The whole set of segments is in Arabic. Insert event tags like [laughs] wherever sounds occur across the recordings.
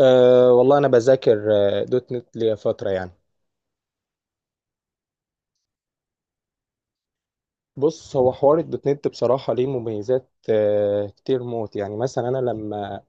أه والله انا بذاكر دوت نت ليا فتره يعني. بص، هو حوار الدوت نت بصراحه ليه مميزات كتير موت يعني. مثلا انا لما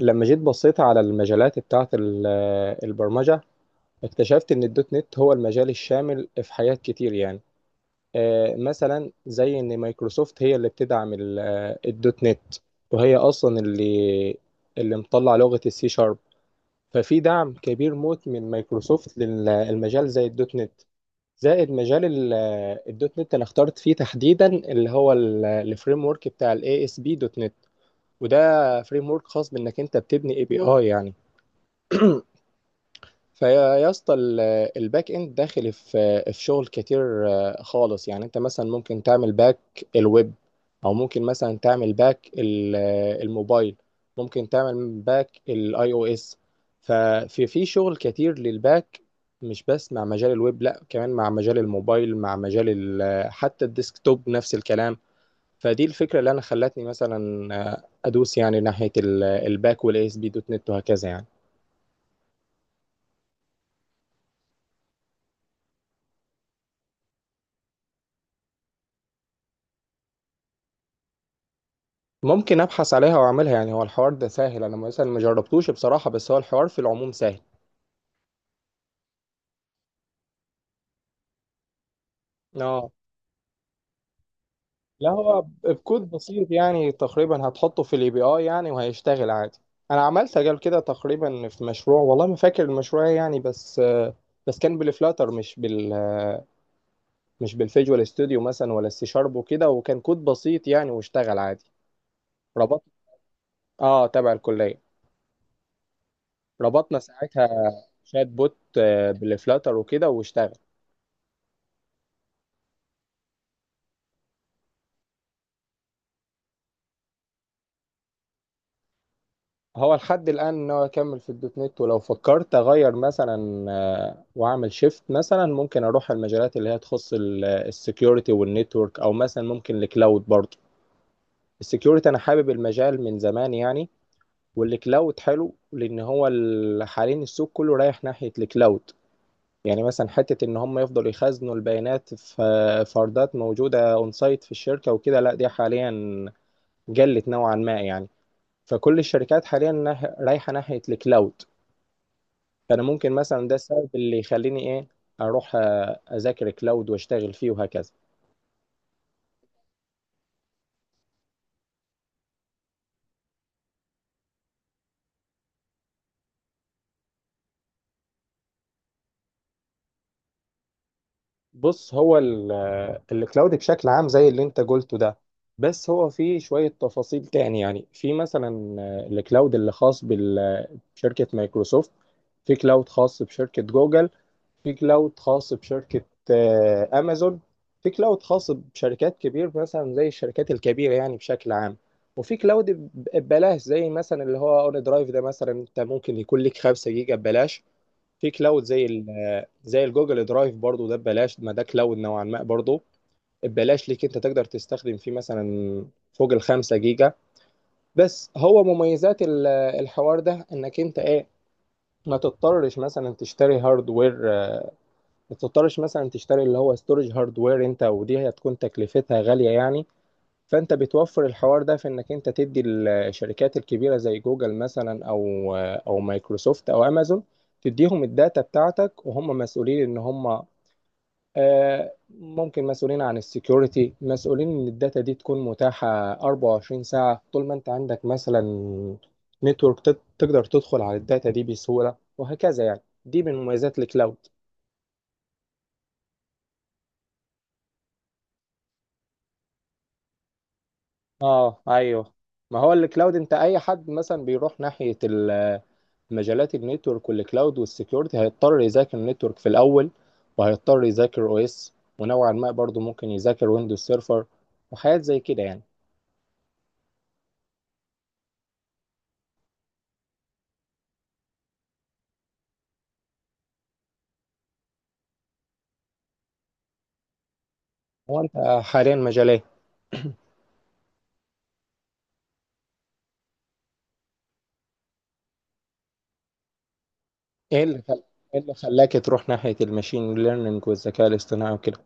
لما جيت بصيت على المجالات بتاعه البرمجه. اكتشفت ان الدوت نت هو المجال الشامل في حاجات كتير يعني. مثلا زي ان مايكروسوفت هي اللي بتدعم الدوت نت، وهي اصلا اللي مطلع لغه السي شارب. ففي دعم كبير موت من مايكروسوفت للمجال زي الدوت نت. زائد مجال الدوت نت انا اخترت فيه تحديدا اللي هو الفريم ورك بتاع الاي اس بي دوت نت، وده فريم ورك خاص بانك انت بتبني اي بي اي يعني. فيا يا اسطى الباك اند داخل في شغل كتير خالص يعني. انت مثلا ممكن تعمل باك الويب، او ممكن مثلا تعمل باك الموبايل، ممكن تعمل باك الاي او اس. ففي شغل كتير للباك، مش بس مع مجال الويب، لا كمان مع مجال الموبايل، مع مجال حتى الديسكتوب نفس الكلام. فدي الفكرة اللي انا خلتني مثلا ادوس يعني ناحية الباك والاي اس بي دوت نت وهكذا يعني. ممكن ابحث عليها واعملها يعني، هو الحوار ده سهل، انا مثلا ما جربتوش بصراحة، بس هو الحوار في العموم سهل. اه، لا هو بكود بسيط يعني، تقريبا هتحطه في الاي بي اي يعني وهيشتغل عادي. انا عملت قبل كده تقريبا في مشروع، والله ما فاكر المشروع إيه يعني، بس كان بالفلاتر، مش بالفيجوال ستوديو مثلا ولا السي شارب وكده، وكان كود بسيط يعني واشتغل عادي. ربط اه، تبع الكلية. ربطنا ساعتها شات بوت بالفلاتر وكده واشتغل. هو لحد الآن إن هو يكمل في الدوت نت، ولو فكرت أغير مثلا وأعمل شيفت، مثلا ممكن أروح على المجالات اللي هي تخص السكيورتي والنتورك، أو مثلا ممكن الكلاود برضه. السكيورتي أنا حابب المجال من زمان يعني. والكلاود حلو لأن حاليا السوق كله رايح ناحية الكلاود. يعني مثلا حتة إن هم يفضلوا يخزنوا البيانات في فردات موجودة أون سايت في الشركة وكده، لا دي حاليا قلت نوعا ما يعني. فكل الشركات حاليا رايحة ناحية الكلاود. فانا ممكن مثلا ده السبب اللي يخليني ايه، اروح اذاكر كلاود واشتغل فيه وهكذا. بص، الكلاود بشكل عام زي اللي انت قلته ده، بس هو فيه شوية تفاصيل تاني يعني. في مثلا الكلاود اللي خاص بشركة مايكروسوفت، في كلاود خاص بشركة جوجل، في كلاود خاص بشركة أمازون، في كلاود خاص بشركات كبير مثلا زي الشركات الكبيرة يعني بشكل عام. وفي كلاود ببلاش زي مثلا اللي هو اون درايف، ده مثلا انت ممكن يكون لك 5 جيجا ببلاش. في كلاود زي الجوجل درايف برضو، ده ببلاش، ما ده كلاود نوعا ما برضو، ببلاش ليك انت تقدر تستخدم فيه مثلا فوق ال5 جيجا. بس هو مميزات الحوار ده انك انت ايه، ما تضطرش مثلا تشتري هاردوير، ما تضطرش مثلا تشتري اللي هو ستورج هاردوير، انت ودي هتكون تكلفتها غالية يعني. فانت بتوفر الحوار ده في انك انت تدي الشركات الكبيره زي جوجل مثلا، او مايكروسوفت او امازون، تديهم الداتا بتاعتك وهم مسؤولين ان هم ممكن مسؤولين عن السكيورتي، مسؤولين ان الداتا دي تكون متاحه 24 ساعه، طول ما انت عندك مثلا نتورك تقدر تدخل على الداتا دي بسهوله وهكذا يعني، دي من مميزات الكلاود. اه، ايوه. ما هو الكلاود، انت اي حد مثلا بيروح ناحيه مجالات النتورك والكلاود والسكيورتي هيضطر يذاكر النتورك في الاول، وهيضطر يذاكر او اس، ونوعا ما برضه ممكن يذاكر ويندوز سيرفر وحاجات زي كده يعني. هو انت حاليا مجال ايه؟ إيه اللي خل... ايه اللي خلاك تروح ناحية الماشين ليرنينج والذكاء الاصطناعي وكده؟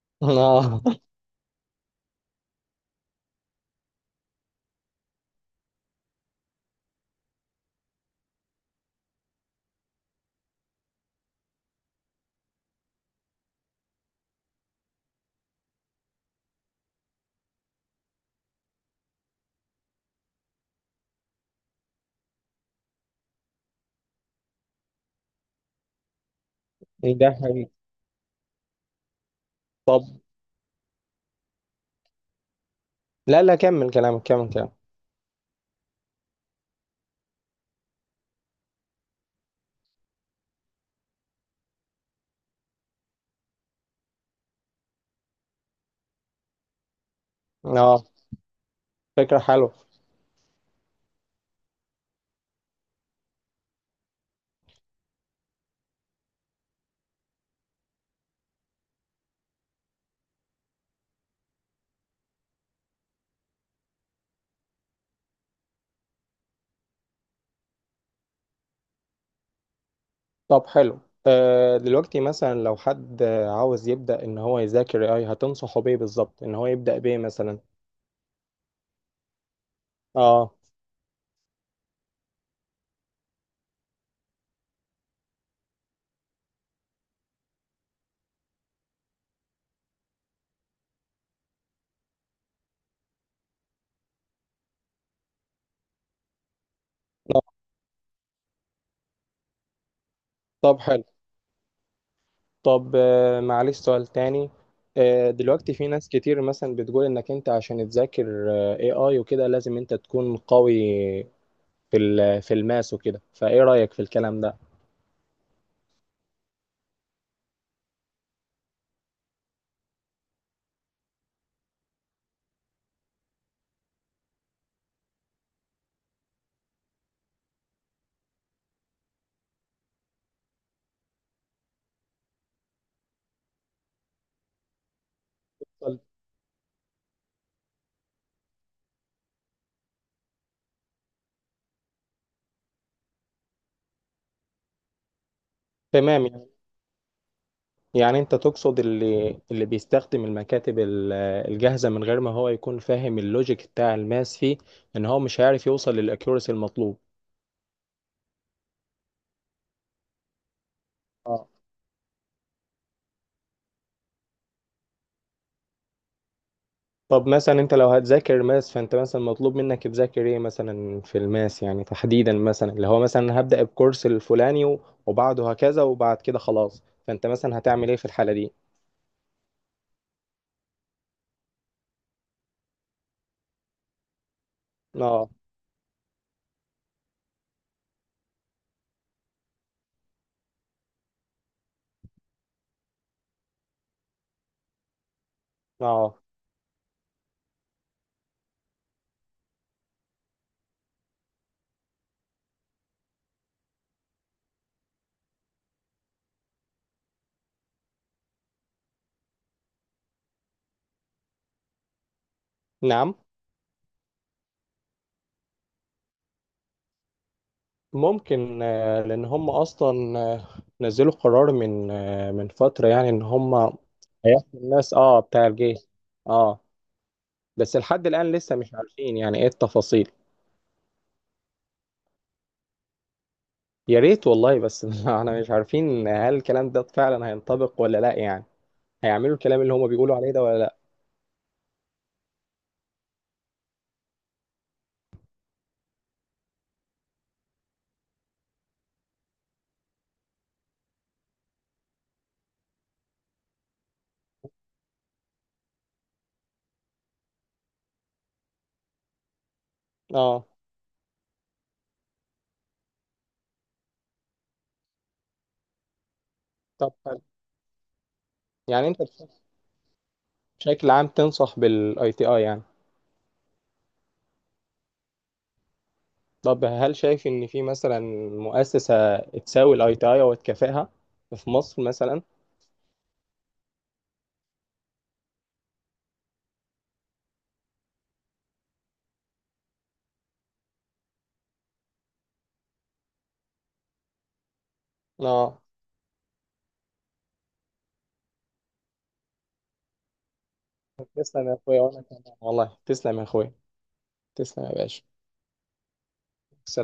[laughs] اه، إيه ده حقيقي؟ لا لا، كمل كلامك كمل كلامك. اه، فكرة حلوة. طب حلو. دلوقتي مثلا لو حد عاوز يبدأ ان هو يذاكر اي، هتنصحه بيه بالظبط ان هو يبدأ بيه مثلا؟ اه. آه، طب حلو. طب معلش سؤال تاني. دلوقتي في ناس كتير مثلا بتقول انك انت عشان تذاكر اي اي وكده لازم انت تكون قوي في الماس وكده، فايه رأيك في الكلام ده؟ طب، تمام. يعني انت تقصد اللي بيستخدم المكاتب الجاهزة من غير ما هو يكون فاهم اللوجيك بتاع الماس فيه، ان هو مش هيعرف يوصل للاكيورسي المطلوب؟ طب مثلا انت لو هتذاكر ماس، فانت مثلا مطلوب منك تذاكر ايه مثلا في الماس يعني، تحديدا مثلا اللي هو مثلا هبدأ بكورس الفلاني وبعده هكذا وبعد كده خلاص، فانت مثلا هتعمل ايه في الحالة دي؟ اه. اه. نعم. ممكن، لان هم اصلا نزلوا قرار من فترة يعني، ان هم هيحكوا الناس. اه، بتاع الجيش. اه، بس لحد الآن لسه مش عارفين يعني ايه التفاصيل. يا ريت والله بس [laughs] احنا مش عارفين هل الكلام ده فعلا هينطبق ولا لا يعني، هيعملوا الكلام اللي هما بيقولوا عليه ده ولا لا؟ اه، طب حلو. يعني انت بشكل عام تنصح بالاي تي اي يعني؟ طب هل شايف ان في مثلا مؤسسة تساوي الاي تي اي او تكافئها في مصر مثلا؟ اه، تسلم يا اخويا. وانا كمان والله. تسلم يا اخويا. تسلم يا باشا. سلام.